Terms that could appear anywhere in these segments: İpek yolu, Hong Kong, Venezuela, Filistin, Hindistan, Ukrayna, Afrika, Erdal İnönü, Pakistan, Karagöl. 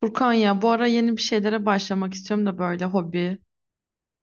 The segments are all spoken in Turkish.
Furkan ya bu ara yeni bir şeylere başlamak istiyorum da böyle hobi,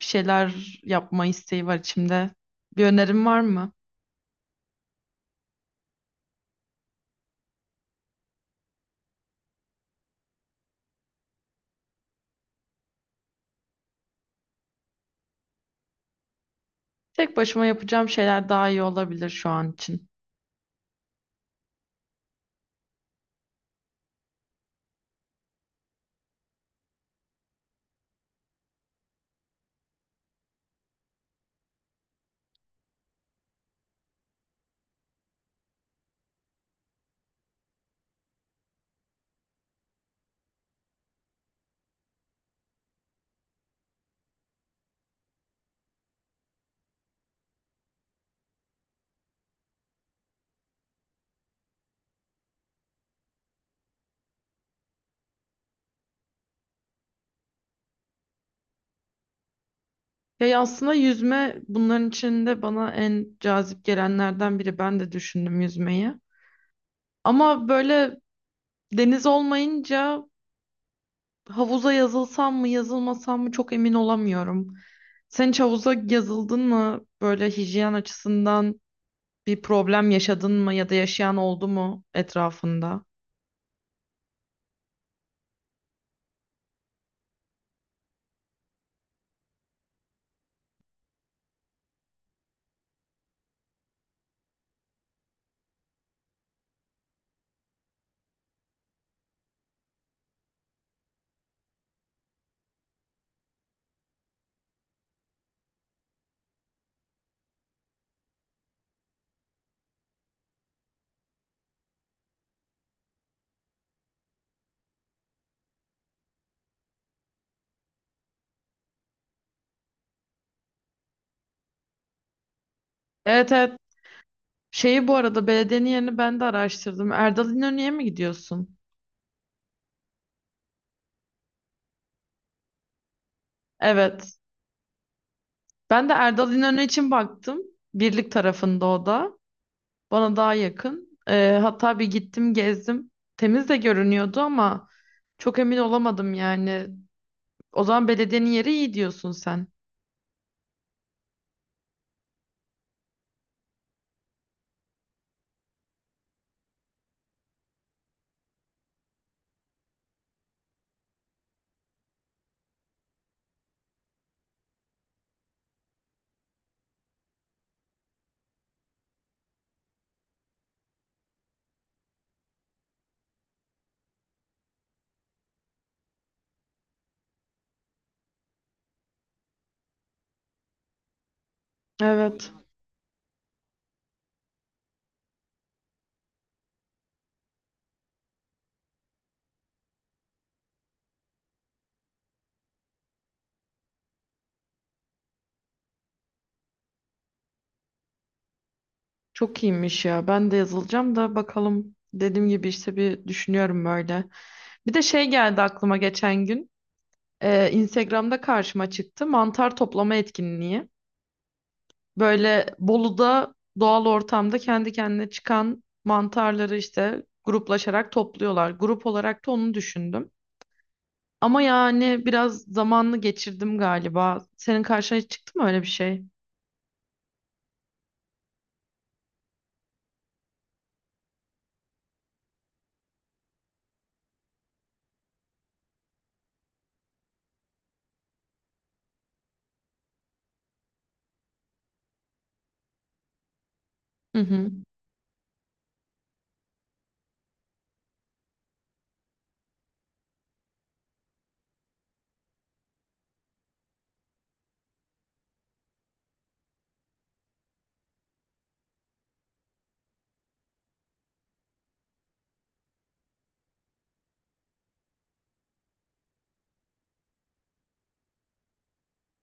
bir şeyler yapma isteği var içimde. Bir önerim var mı? Tek başıma yapacağım şeyler daha iyi olabilir şu an için. Ya aslında yüzme bunların içinde bana en cazip gelenlerden biri. Ben de düşündüm yüzmeyi. Ama böyle deniz olmayınca havuza yazılsam mı yazılmasam mı çok emin olamıyorum. Sen hiç havuza yazıldın mı? Böyle hijyen açısından bir problem yaşadın mı ya da yaşayan oldu mu etrafında? Evet, evet. Şeyi bu arada belediyenin yerini ben de araştırdım. Erdal İnönü'ye mi gidiyorsun? Evet. Ben de Erdal İnönü için baktım. Birlik tarafında o da. Bana daha yakın. Hatta bir gittim gezdim. Temiz de görünüyordu ama çok emin olamadım yani. O zaman belediyenin yeri iyi diyorsun sen. Evet. Çok iyiymiş ya. Ben de yazılacağım da bakalım. Dediğim gibi işte bir düşünüyorum böyle. Bir de şey geldi aklıma geçen gün. Instagram'da karşıma çıktı. Mantar toplama etkinliği. Böyle Bolu'da doğal ortamda kendi kendine çıkan mantarları işte gruplaşarak topluyorlar. Grup olarak da onu düşündüm. Ama yani biraz zamanını geçirdim galiba. Senin karşına hiç çıktı mı öyle bir şey? Hı hı.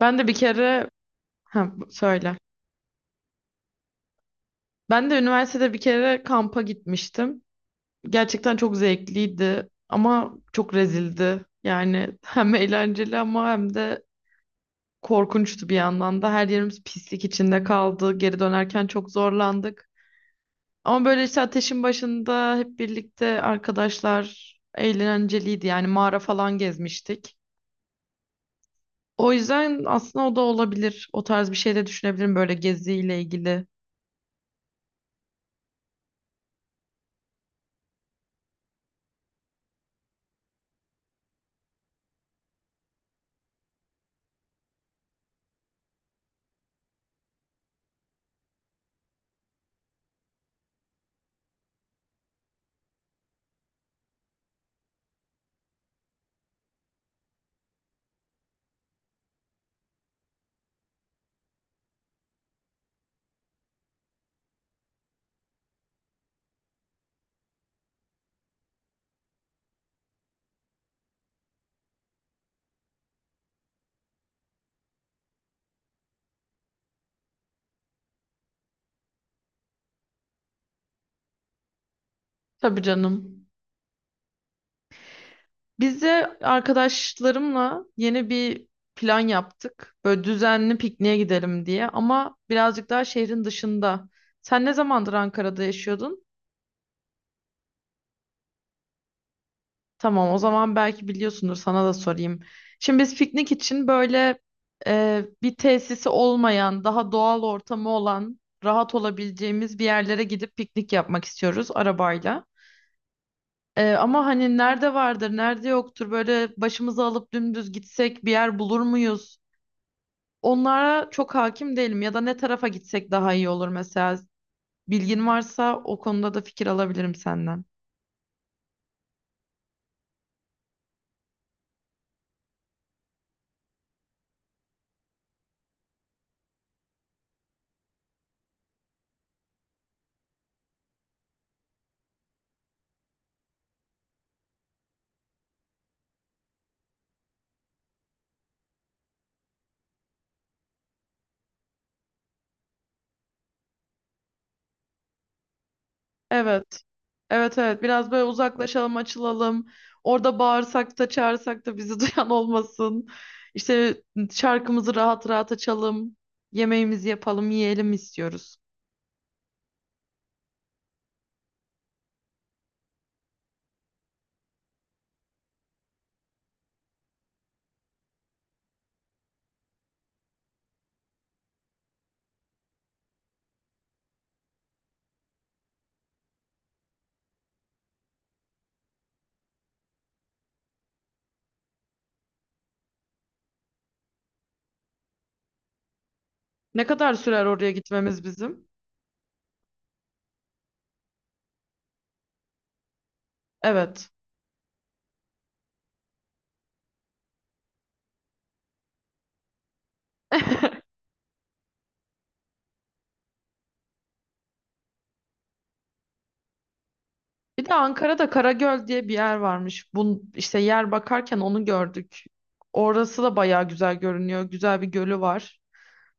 Ben de bir kere. Ha, bu- söyle. Ben de üniversitede bir kere kampa gitmiştim. Gerçekten çok zevkliydi ama çok rezildi. Yani hem eğlenceli ama hem de korkunçtu bir yandan da. Her yerimiz pislik içinde kaldı. Geri dönerken çok zorlandık. Ama böyle işte ateşin başında hep birlikte arkadaşlar eğlenceliydi. Yani mağara falan gezmiştik. O yüzden aslında o da olabilir. O tarz bir şey de düşünebilirim böyle geziyle ilgili. Tabii canım. Biz de arkadaşlarımla yeni bir plan yaptık. Böyle düzenli pikniğe gidelim diye ama birazcık daha şehrin dışında. Sen ne zamandır Ankara'da yaşıyordun? Tamam, o zaman belki biliyorsundur, sana da sorayım. Şimdi biz piknik için böyle bir tesisi olmayan, daha doğal ortamı olan, rahat olabileceğimiz bir yerlere gidip piknik yapmak istiyoruz arabayla. Ama hani nerede vardır, nerede yoktur, böyle başımıza alıp dümdüz gitsek bir yer bulur muyuz? Onlara çok hakim değilim ya da ne tarafa gitsek daha iyi olur mesela. Bilgin varsa o konuda da fikir alabilirim senden. Evet. Evet, evet, biraz böyle uzaklaşalım, açılalım. Orada bağırsak da çağırsak da bizi duyan olmasın. İşte şarkımızı rahat rahat açalım. Yemeğimizi yapalım, yiyelim istiyoruz. Ne kadar sürer oraya gitmemiz bizim? Evet. Bir de Ankara'da Karagöl diye bir yer varmış. Bun işte yer bakarken onu gördük. Orası da bayağı güzel görünüyor. Güzel bir gölü var.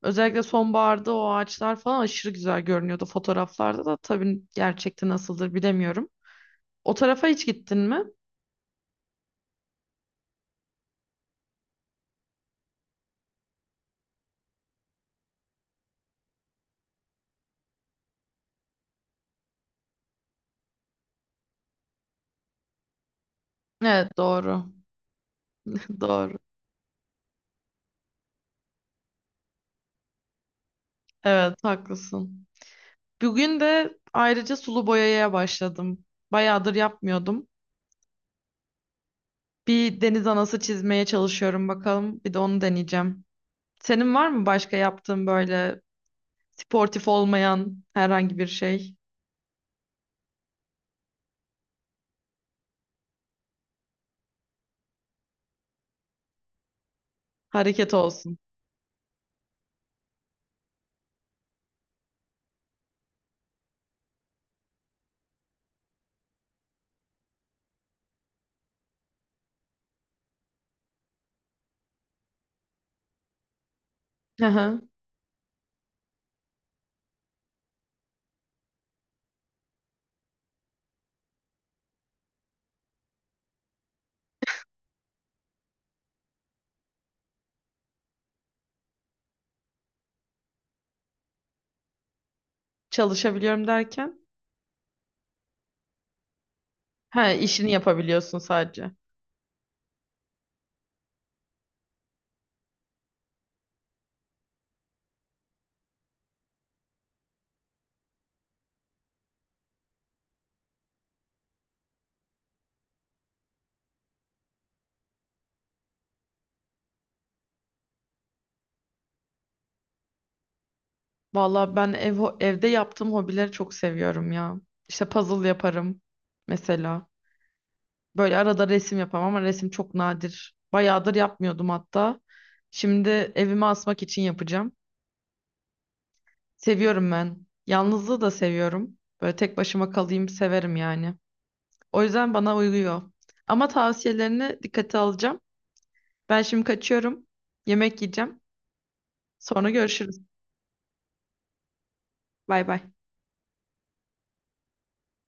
Özellikle sonbaharda o ağaçlar falan aşırı güzel görünüyordu fotoğraflarda da. Tabii gerçekte nasıldır bilemiyorum. O tarafa hiç gittin mi? Evet, doğru. Doğru. Evet, haklısın. Bugün de ayrıca sulu boyaya başladım. Bayağıdır yapmıyordum. Bir deniz anası çizmeye çalışıyorum, bakalım. Bir de onu deneyeceğim. Senin var mı başka yaptığın böyle sportif olmayan herhangi bir şey? Hareket olsun. Hı hı. Çalışabiliyorum derken? Ha, işini yapabiliyorsun sadece. Valla ben evde yaptığım hobileri çok seviyorum ya. İşte puzzle yaparım mesela. Böyle arada resim yaparım ama resim çok nadir. Bayağıdır yapmıyordum hatta. Şimdi evime asmak için yapacağım. Seviyorum ben. Yalnızlığı da seviyorum. Böyle tek başıma kalayım severim yani. O yüzden bana uyuyor. Ama tavsiyelerini dikkate alacağım. Ben şimdi kaçıyorum. Yemek yiyeceğim. Sonra görüşürüz. Bay bay.